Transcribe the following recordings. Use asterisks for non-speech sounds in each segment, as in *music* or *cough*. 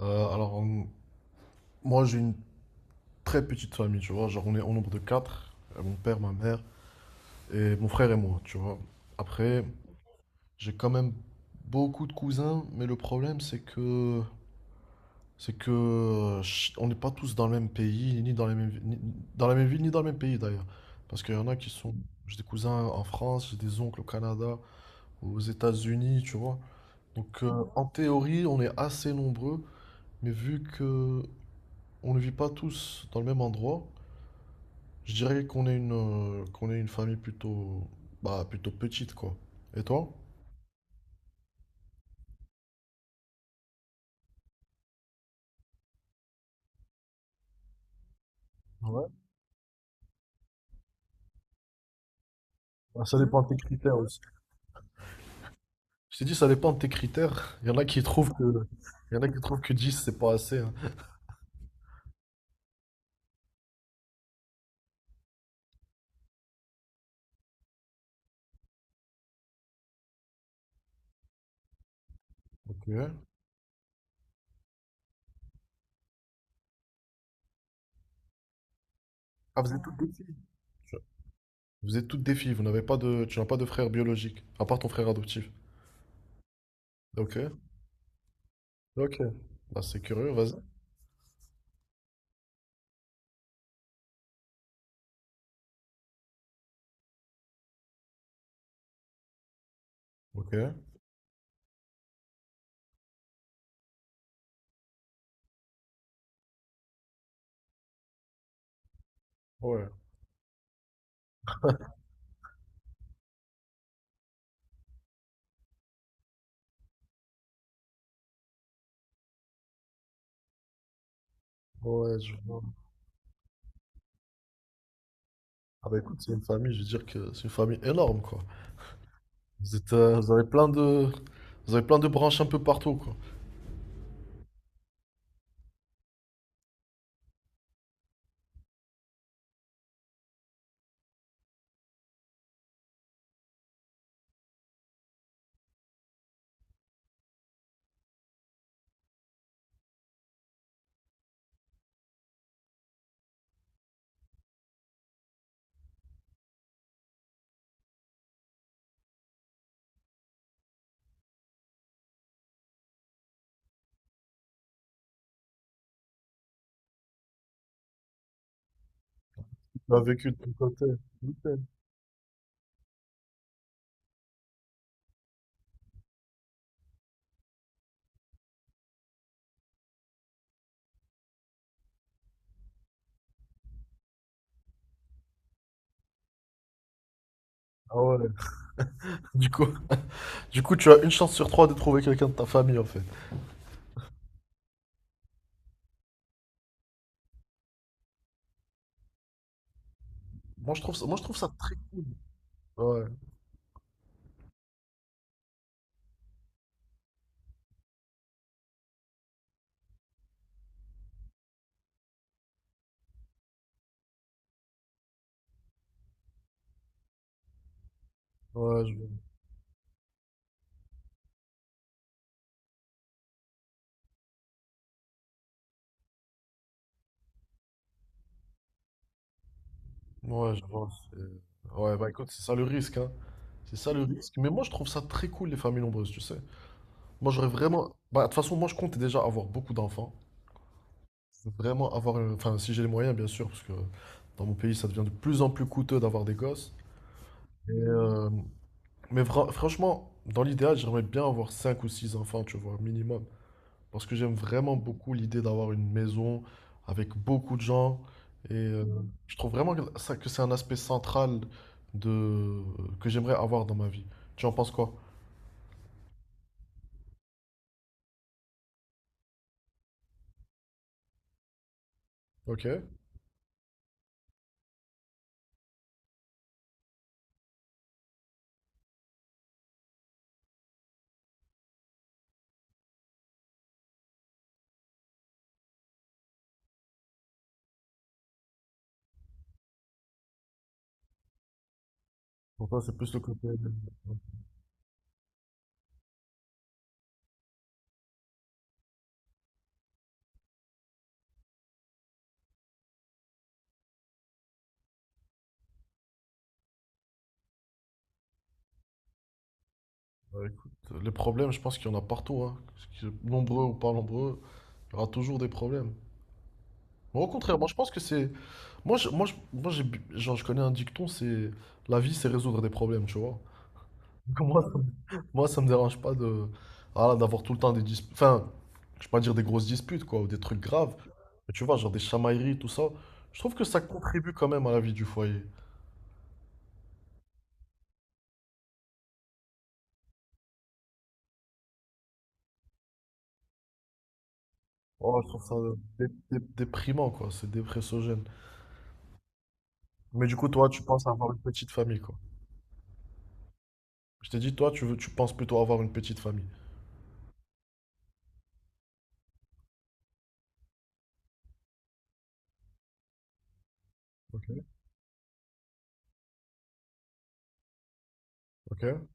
Alors, moi, j'ai une très petite famille, tu vois. Genre, on est au nombre de quatre. Mon père, ma mère et mon frère et moi, tu vois. Après, j'ai quand même beaucoup de cousins, mais le problème, on n'est pas tous dans le même pays, ni dans les mêmes vi- ni- dans la même ville, ni dans le même pays d'ailleurs. Parce qu'il y en a qui sont, j'ai des cousins en France, j'ai des oncles au Canada, aux États-Unis, tu vois. Donc, en théorie, on est assez nombreux, mais vu que on ne vit pas tous dans le même endroit. Je dirais qu'on est qu'on est une famille plutôt, bah, plutôt petite, quoi. Et toi? Ouais. Bah, ça dépend de tes critères aussi. Je t'ai dit, ça dépend de tes critères. Il y en a qui trouvent que, il y en a qui trouvent que 10 c'est pas assez, hein. Ok. Ah, vous êtes toutes des filles. Vous êtes toutes des filles. Vous n'avez pas de, tu n'as pas de frère biologique, à part ton frère adoptif. Ok. Ok. Bah, c'est curieux, vas-y. Ok. Ouais. Ouais, je vois. Ah bah écoute, c'est une famille, je veux dire que c'est une famille énorme, quoi. Vous avez plein de branches un peu partout, quoi. Tu as vécu de ton côté. Nickel. Ah ouais. *laughs* Du coup, du coup, tu as une chance sur trois de trouver quelqu'un de ta famille en fait. Moi je trouve ça très. Ouais, ouais, je vois, Ouais, bah écoute, c'est ça le risque, hein. C'est ça le risque. Mais moi je trouve ça très cool les familles nombreuses, tu sais. Moi j'aurais vraiment. Bah de toute façon, moi je compte déjà avoir beaucoup d'enfants. Je veux vraiment avoir. Enfin, si j'ai les moyens, bien sûr, parce que dans mon pays ça devient de plus en plus coûteux d'avoir des gosses. Et, euh, Mais franchement, dans l'idéal, j'aimerais bien avoir 5 ou 6 enfants, tu vois, minimum. Parce que j'aime vraiment beaucoup l'idée d'avoir une maison avec beaucoup de gens. Mhm. Je trouve vraiment que ça, que c'est un aspect central de, que j'aimerais avoir dans ma vie. Tu en penses quoi? Ok. Pour toi, c'est plus le côté. Bah, écoute, les problèmes, je pense qu'il y en a partout, hein. Nombreux ou pas nombreux, il y aura toujours des problèmes. Mais au contraire, moi je pense que c'est. Moi j'ai, genre, je connais un dicton, c'est. La vie, c'est résoudre des problèmes, tu vois. Comment. Moi, ça me dérange pas de voilà, d'avoir tout le temps des disputes. Enfin, je vais pas dire des grosses disputes, quoi, ou des trucs graves. Mais tu vois, genre des chamailleries, tout ça. Je trouve que ça contribue quand même à la vie du foyer. Oh, je trouve ça déprimant, quoi. C'est dépressogène. Mais du coup, toi, tu penses avoir une petite famille, quoi. Je t'ai dit, toi, tu penses plutôt avoir une petite famille. Ok. Ok.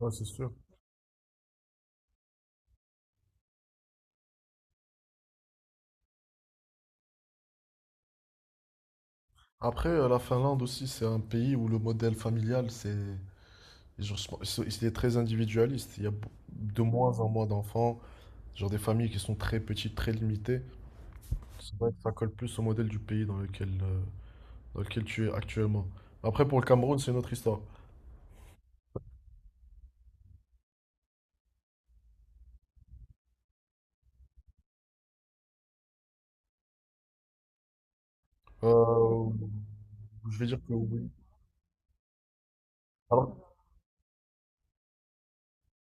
Ouais, c'est sûr. Après, la Finlande aussi, c'est un pays où le modèle familial, c'est. Genre, c'est très individualiste. Il y a de moins en moins d'enfants. Genre des familles qui sont très petites, très limitées. C'est vrai que ça colle plus au modèle du pays dans lequel tu es actuellement. Après, pour le Cameroun, c'est une autre histoire. Euh, je vais dire que oui. Alors,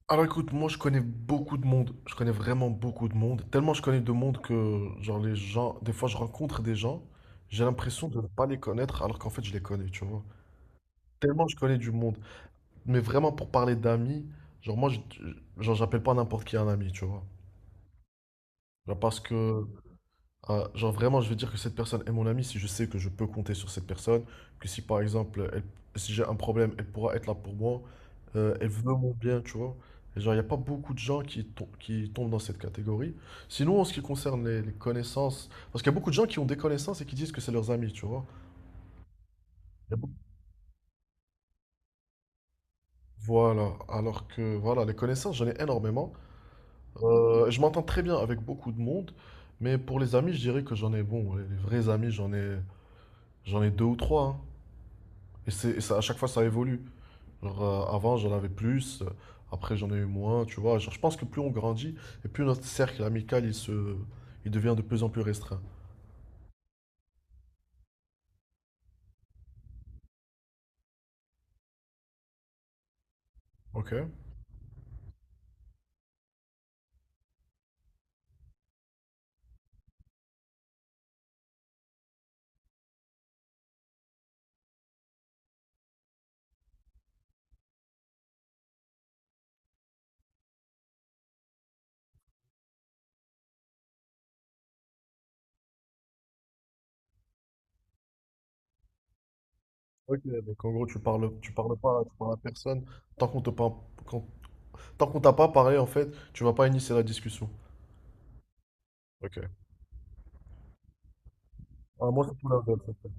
alors, écoute, moi je connais beaucoup de monde. Je connais vraiment beaucoup de monde. Tellement je connais de monde que, genre, les gens, des fois je rencontre des gens, j'ai l'impression de ne pas les connaître alors qu'en fait je les connais, tu vois. Tellement je connais du monde. Mais vraiment, pour parler d'amis, genre, genre, j'appelle pas n'importe qui un ami, tu vois. Genre, parce que. Ah, genre vraiment, je vais dire que cette personne est mon amie si je sais que je peux compter sur cette personne, que si par exemple, si j'ai un problème, elle pourra être là pour moi, elle veut mon bien, tu vois. Et genre, il n'y a pas beaucoup de gens qui tombent dans cette catégorie. Sinon, en ce qui concerne les connaissances, parce qu'il y a beaucoup de gens qui ont des connaissances et qui disent que c'est leurs amis, tu vois. Il y a beaucoup- Voilà, alors que voilà, les connaissances, j'en ai énormément. Je m'entends très bien avec beaucoup de monde, mais pour les amis, je dirais que j'en ai, bon, ouais, les vrais amis, j'en ai deux ou trois, hein. Et c'est et ça, à chaque fois, ça évolue. Genre, avant, j'en avais plus, après, j'en ai eu moins, tu vois. Genre, je pense que plus on grandit, et plus notre cercle amical, il devient de plus en plus restreint. Ok. Ok, donc en gros, tu parles pas, tu parles à personne. Tant qu'on te par- quand- tant qu'on t'a pas parlé, en fait, tu vas pas initier la discussion. Ok. Ah, moi, c'est tout l'inverse, en fait.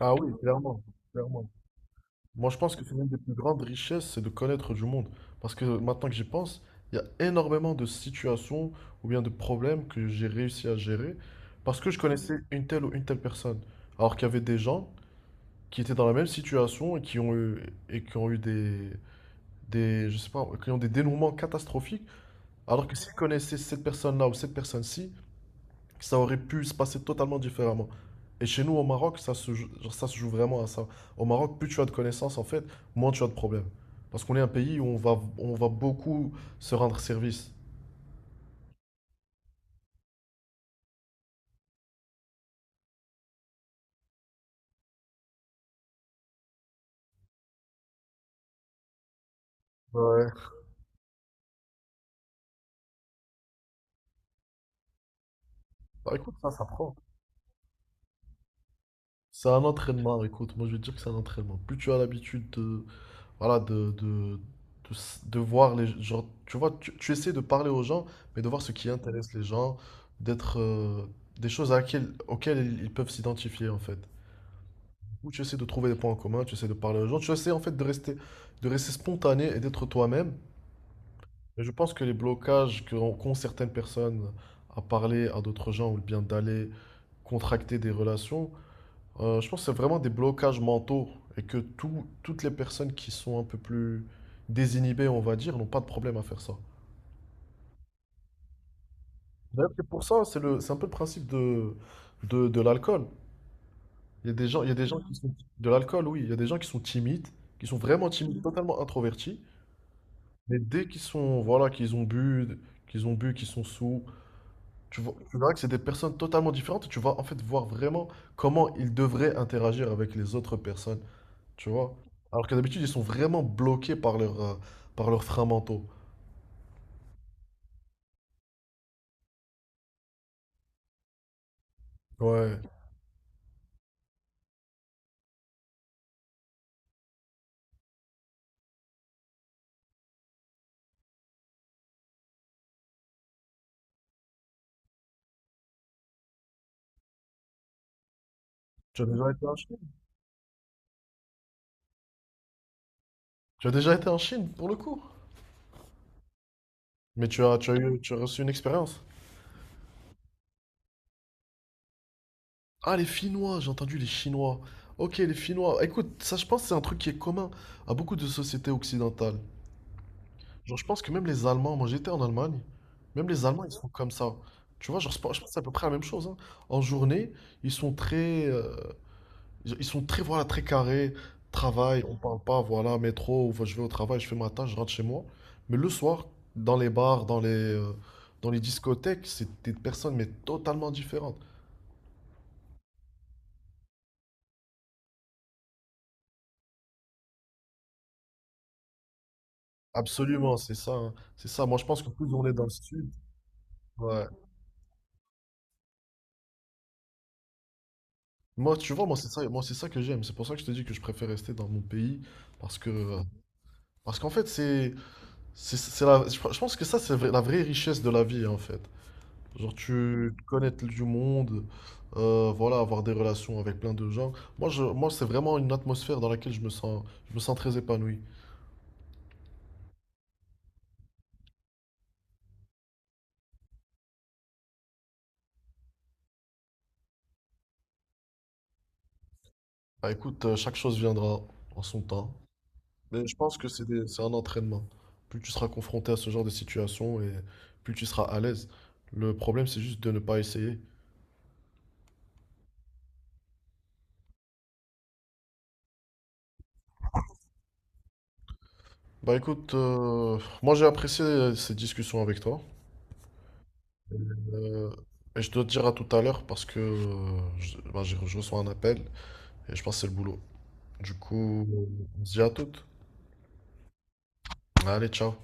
Ah oui, clairement, clairement. Moi, je pense que c'est l'une des plus grandes richesses, c'est de connaître du monde. Parce que maintenant que j'y pense, il y a énormément de situations ou bien de problèmes que j'ai réussi à gérer parce que je connaissais une telle ou une telle personne. Alors qu'il y avait des gens qui étaient dans la même situation et qui ont eu je sais pas, qui ont des dénouements catastrophiques. Alors que s'ils connaissaient cette personne-là ou cette personne-ci, ça aurait pu se passer totalement différemment. Et chez nous, au Maroc, genre, ça se joue vraiment à ça. Au Maroc, plus tu as de connaissances, en fait, moins tu as de problèmes. Parce qu'on est un pays où on va beaucoup se rendre service. Ouais. Bah écoute, ça prend. C'est un entraînement, écoute, moi je vais te dire que c'est un entraînement. Plus tu as l'habitude de, voilà, de voir les gens, tu vois, tu essaies de parler aux gens, mais de voir ce qui intéresse les gens, d'être, des choses auxquelles ils peuvent s'identifier en fait. Où tu essaies de trouver des points en commun, tu essaies de parler aux gens, tu essaies en fait de rester, spontané et d'être toi-même. Et je pense que les blocages qu'ont certaines personnes à parler à d'autres gens ou bien d'aller contracter des relations, je pense que c'est vraiment des blocages mentaux et que toutes les personnes qui sont un peu plus désinhibées, on va dire, n'ont pas de problème à faire ça. D'ailleurs, c'est pour ça, c'est le, c'est un peu le principe de, de l'alcool. Il y a des gens, il y a des gens qui sont, de l'alcool, oui, il y a des gens qui sont timides, qui sont vraiment timides, totalement introvertis. Mais dès qu'ils sont, voilà, qu'ils ont bu, qu'ils sont sous, tu vois, tu verras que c'est des personnes totalement différentes. Et tu vas en fait voir vraiment comment ils devraient interagir avec les autres personnes, tu vois. Alors que d'habitude, ils sont vraiment bloqués par leurs freins mentaux. Ouais. Tu as déjà été en Chine? Tu as déjà été en Chine, pour le coup. Mais tu as reçu une expérience. Ah, les Finnois, j'ai entendu les Chinois. Ok, les Finnois. Écoute, ça, je pense que c'est un truc qui est commun à beaucoup de sociétés occidentales. Genre, je pense que même les Allemands, moi j'étais en Allemagne, même les Allemands, ils sont comme ça. Tu vois, genre, je pense que c'est à peu près la même chose, hein. En journée, ils sont très, euh, ils sont très, voilà, très carrés. Travail, on parle pas, voilà, métro, ou je vais au travail, je fais ma tâche, je rentre chez moi. Mais le soir, dans les bars, dans les discothèques, c'est des personnes, mais totalement différentes. Absolument, c'est ça, hein. C'est ça. Moi, je pense que plus on est dans le sud, ouais. Moi, tu vois, moi, c'est ça que j'aime. C'est pour ça que je te dis que je préfère rester dans mon pays, parce que euh, Parce qu'en fait, je pense que ça, la vraie richesse de la vie, en fait. Genre, tu connaître du monde, voilà, avoir des relations avec plein de gens. Moi, c'est vraiment une atmosphère dans laquelle je me sens très épanoui. Bah, écoute, chaque chose viendra en son temps. Mais je pense que c'est un entraînement. Plus tu seras confronté à ce genre de situation et plus tu seras à l'aise. Le problème, c'est juste de ne pas essayer. Bah écoute, moi j'ai apprécié cette discussion avec toi. Euh, et je dois te dire à tout à l'heure parce que bah, je reçois un appel et je pense que c'est le boulot. Du coup, on se dit à toutes. Allez, ciao.